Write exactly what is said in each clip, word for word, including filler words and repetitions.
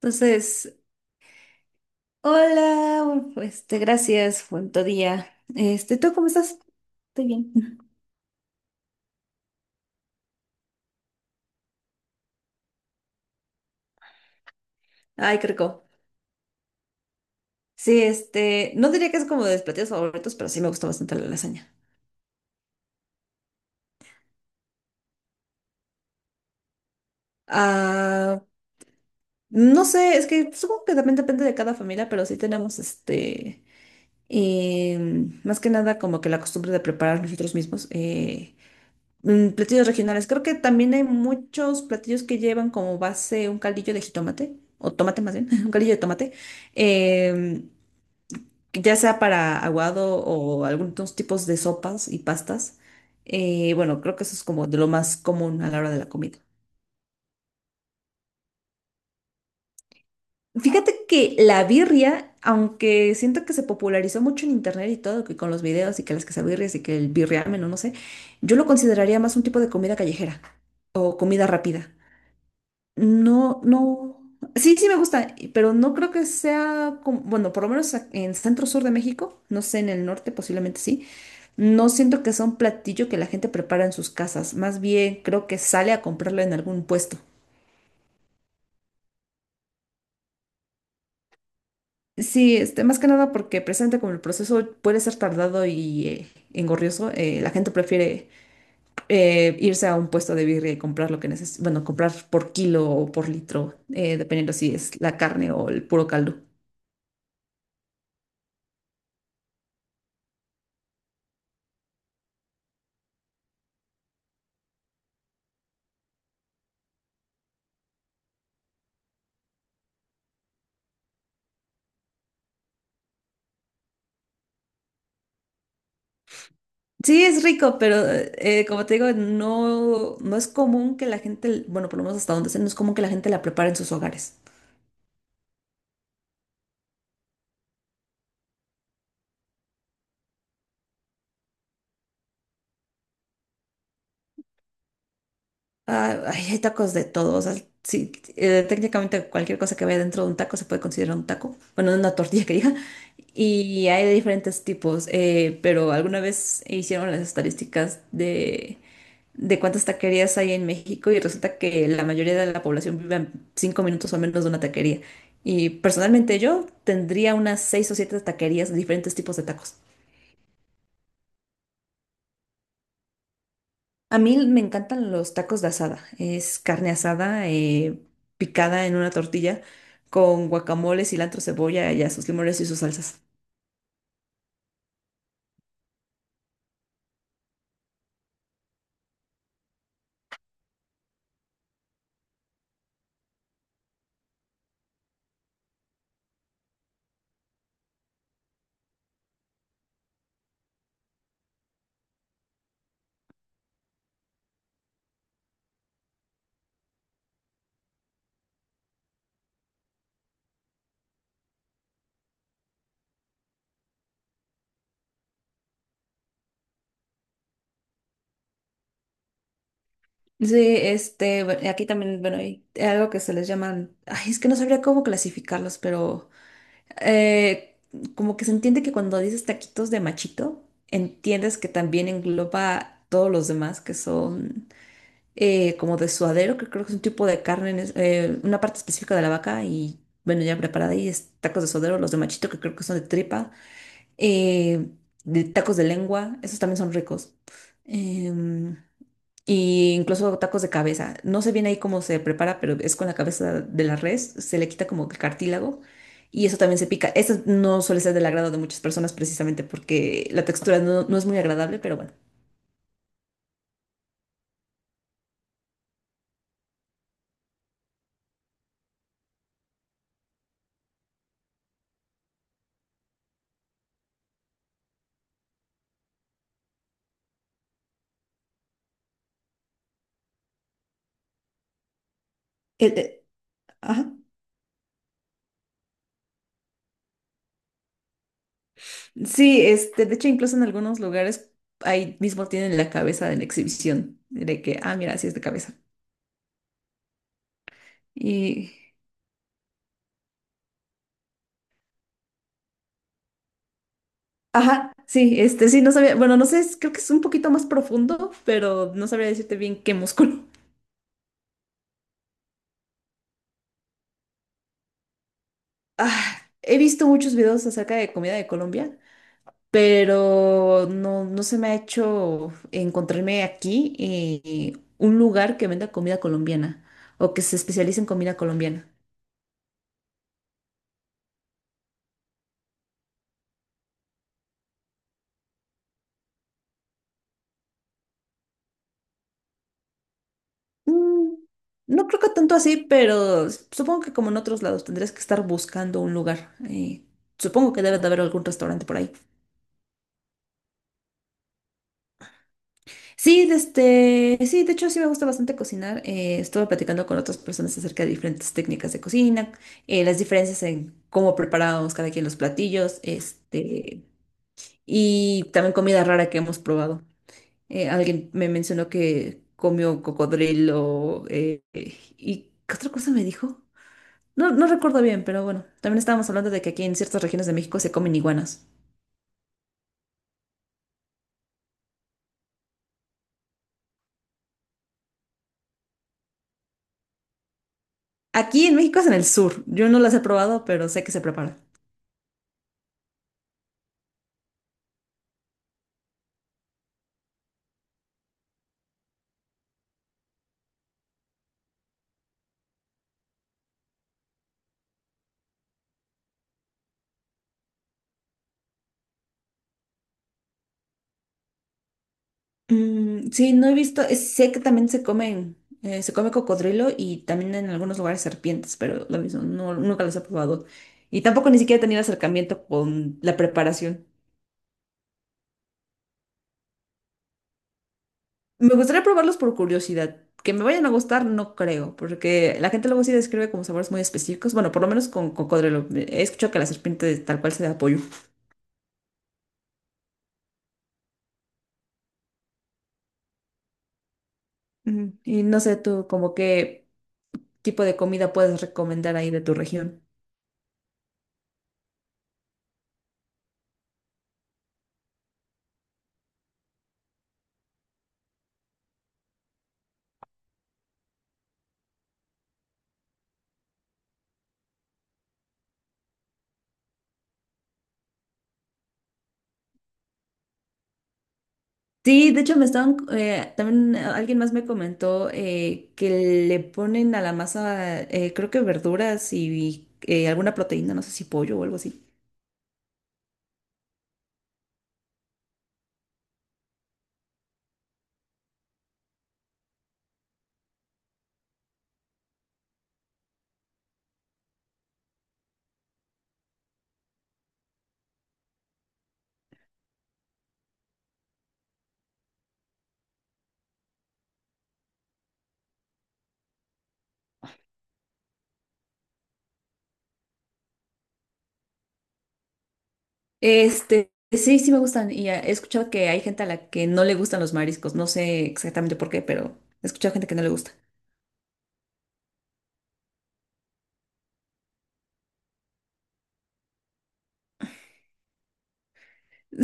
Entonces, hola, este, gracias, buen tu día. Este, ¿tú cómo estás? Estoy bien. Ay, qué rico. Sí, este, no diría que es como de mis platillos favoritos, pero sí me gusta bastante la lasaña. Ah, no sé, es que supongo que también depende de cada familia, pero sí tenemos este, em, más que nada como que la costumbre de preparar nosotros mismos. Eh, Mm, platillos regionales. Creo que también hay muchos platillos que llevan como base un caldillo de jitomate, o tomate más bien, un caldillo de tomate, em, que ya sea para aguado o algunos tipos de sopas y pastas. Eh, bueno, creo que eso es como de lo más común a la hora de la comida. Fíjate que la birria, aunque siento que se popularizó mucho en internet y todo, que con los videos y que las quesabirrias y que el birriamen o no sé, yo lo consideraría más un tipo de comida callejera o comida rápida. No, no. Sí, sí me gusta, y- pero no creo que sea como, bueno, por lo menos a- en centro sur de México, no sé, en el norte posiblemente sí. No siento que sea un platillo que la gente prepara en sus casas, más bien creo que sale a comprarlo en algún puesto. Sí, este, más que nada porque presente como el proceso puede ser tardado y eh, engorrioso, eh, la gente prefiere eh, irse a un puesto de birria y comprar lo que necesita, bueno, comprar por kilo o por litro, eh, dependiendo si es la carne o el puro caldo. Sí, es rico, pero eh, como te digo, no, no es común que la gente, bueno, por lo menos hasta donde sé, no es común que la gente la prepare en sus hogares. Ah, ay, hay tacos de todo. O sea, sí, eh, técnicamente cualquier cosa que vaya dentro de un taco se puede considerar un taco. Bueno, una tortilla que diga. Y hay de diferentes tipos. Eh, pero alguna vez hicieron las estadísticas de, de cuántas taquerías hay en México y resulta que la mayoría de la población vive a cinco minutos o menos de una taquería. Y personalmente yo tendría unas seis o siete taquerías de diferentes tipos de tacos. A mí me encantan los tacos de asada. Es carne asada eh, picada en una tortilla con guacamole, cilantro, cebolla y a sus limones y sus salsas. Sí, este, bu- aquí también, bueno, hay algo que se les llaman, ay, es que no sabría cómo clasificarlos, pero eh, como que se entiende que cuando dices taquitos de machito, entiendes que también engloba todos los demás que son eh, como de suadero, que creo que es un tipo de carne, en es- eh, una parte específica de la vaca y bueno, ya preparada y es tacos de suadero, los de machito que creo que son de tripa, eh, de tacos de lengua, esos también son ricos. Em, y incluso tacos de cabeza. No sé bien ahí cómo se prepara, pero es con la cabeza de la res, se le quita como que el cartílago. Y eso también se pica. Eso no suele ser del agrado de muchas personas precisamente porque la textura no, no es muy agradable, pero bueno. El- eh, ajá. Sí, este, de hecho, incluso en algunos lugares ahí mismo tienen la cabeza de la exhibición, de que, ah, mira, así es de cabeza. Y, ajá, sí, este, sí, no sabía, bueno, no sé, es- creo que es un poquito más profundo, pero no sabría decirte bien qué músculo. Ah, he visto muchos videos acerca de comida de Colombia, pero no, no se me ha hecho encontrarme aquí eh, un lugar que venda comida colombiana o que se especialice en comida colombiana. Mm, no creo que tanto así, pero s- supongo que como en otros lados tendrías que estar buscando un lugar. Eh, supongo que debe de haber algún restaurante por ahí. Sí, de este, sí, de hecho sí me gusta bastante cocinar. Eh, estuve platicando con otras personas acerca de diferentes técnicas de cocina, eh, las diferencias en cómo preparamos cada quien los platillos, este, y también comida rara que hemos probado. Eh, alguien me mencionó que comió cocodrilo, eh, eh, y ¿qué otra cosa me dijo? No, no recuerdo bien, pero bueno, también estábamos hablando de que aquí en ciertas regiones de México se comen iguanas. Aquí en México es en el sur. Yo no las he probado, pero sé que se preparan. Mm, sí, no he visto, eh, sé que también se comen, eh, se come cocodrilo y también en algunos lugares serpientes, pero lo mismo, no, nunca los he probado. Y tampoco ni siquiera he tenido acercamiento con la preparación. Me gustaría probarlos por curiosidad. Que me vayan a gustar, no creo, porque la gente luego sí describe como sabores muy específicos. Bueno, por lo menos con cocodrilo. He escuchado que la serpiente tal cual se da apoyo. Ujú. Y no sé tú, como qué tipo de comida puedes recomendar ahí de tu región. Sí, de hecho me estaban, eh, también eh, alguien más me comentó eh, que le ponen a la masa, eh, creo que verduras y, eh, alguna proteína, no sé si pollo o algo así. Este, sí, sí me gustan y eh, he escuchado que hay gente a la que no le gustan los mariscos, no sé exactamente por qué, pero he escuchado gente que no le gusta.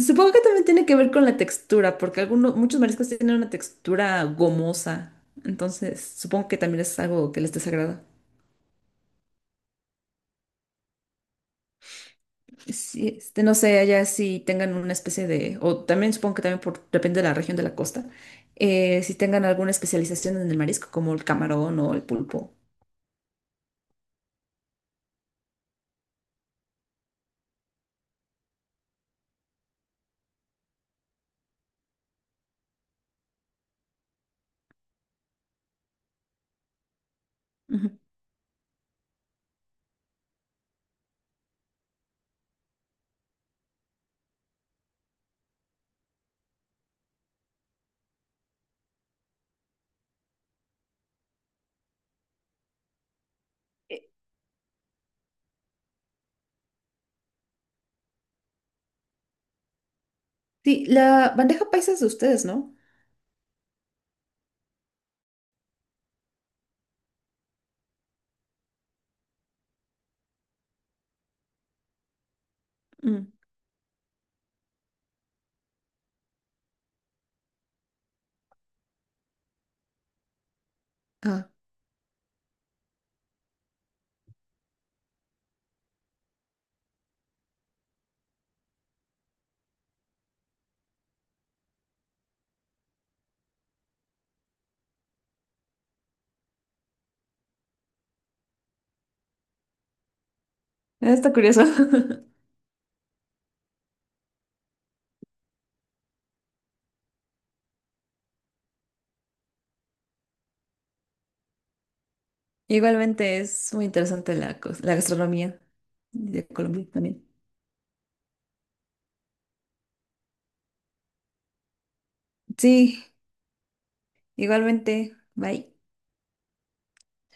Supongo que también tiene que ver con la textura, porque algunos, muchos mariscos tienen una textura gomosa. Entonces, supongo que también es algo que les desagrada. Sí, este, no sé, allá si tengan una especie de, o también supongo que también por, depende de la región de la costa, eh, si tengan alguna especialización en el marisco, como el camarón o el pulpo. Ujú. Eh, Sí, la bandeja paisa es de ustedes, ¿no? Mm. Ah, está curioso. Igualmente es muy interesante la, cos- la gastronomía de Colombia también. Sí. Igualmente, bye.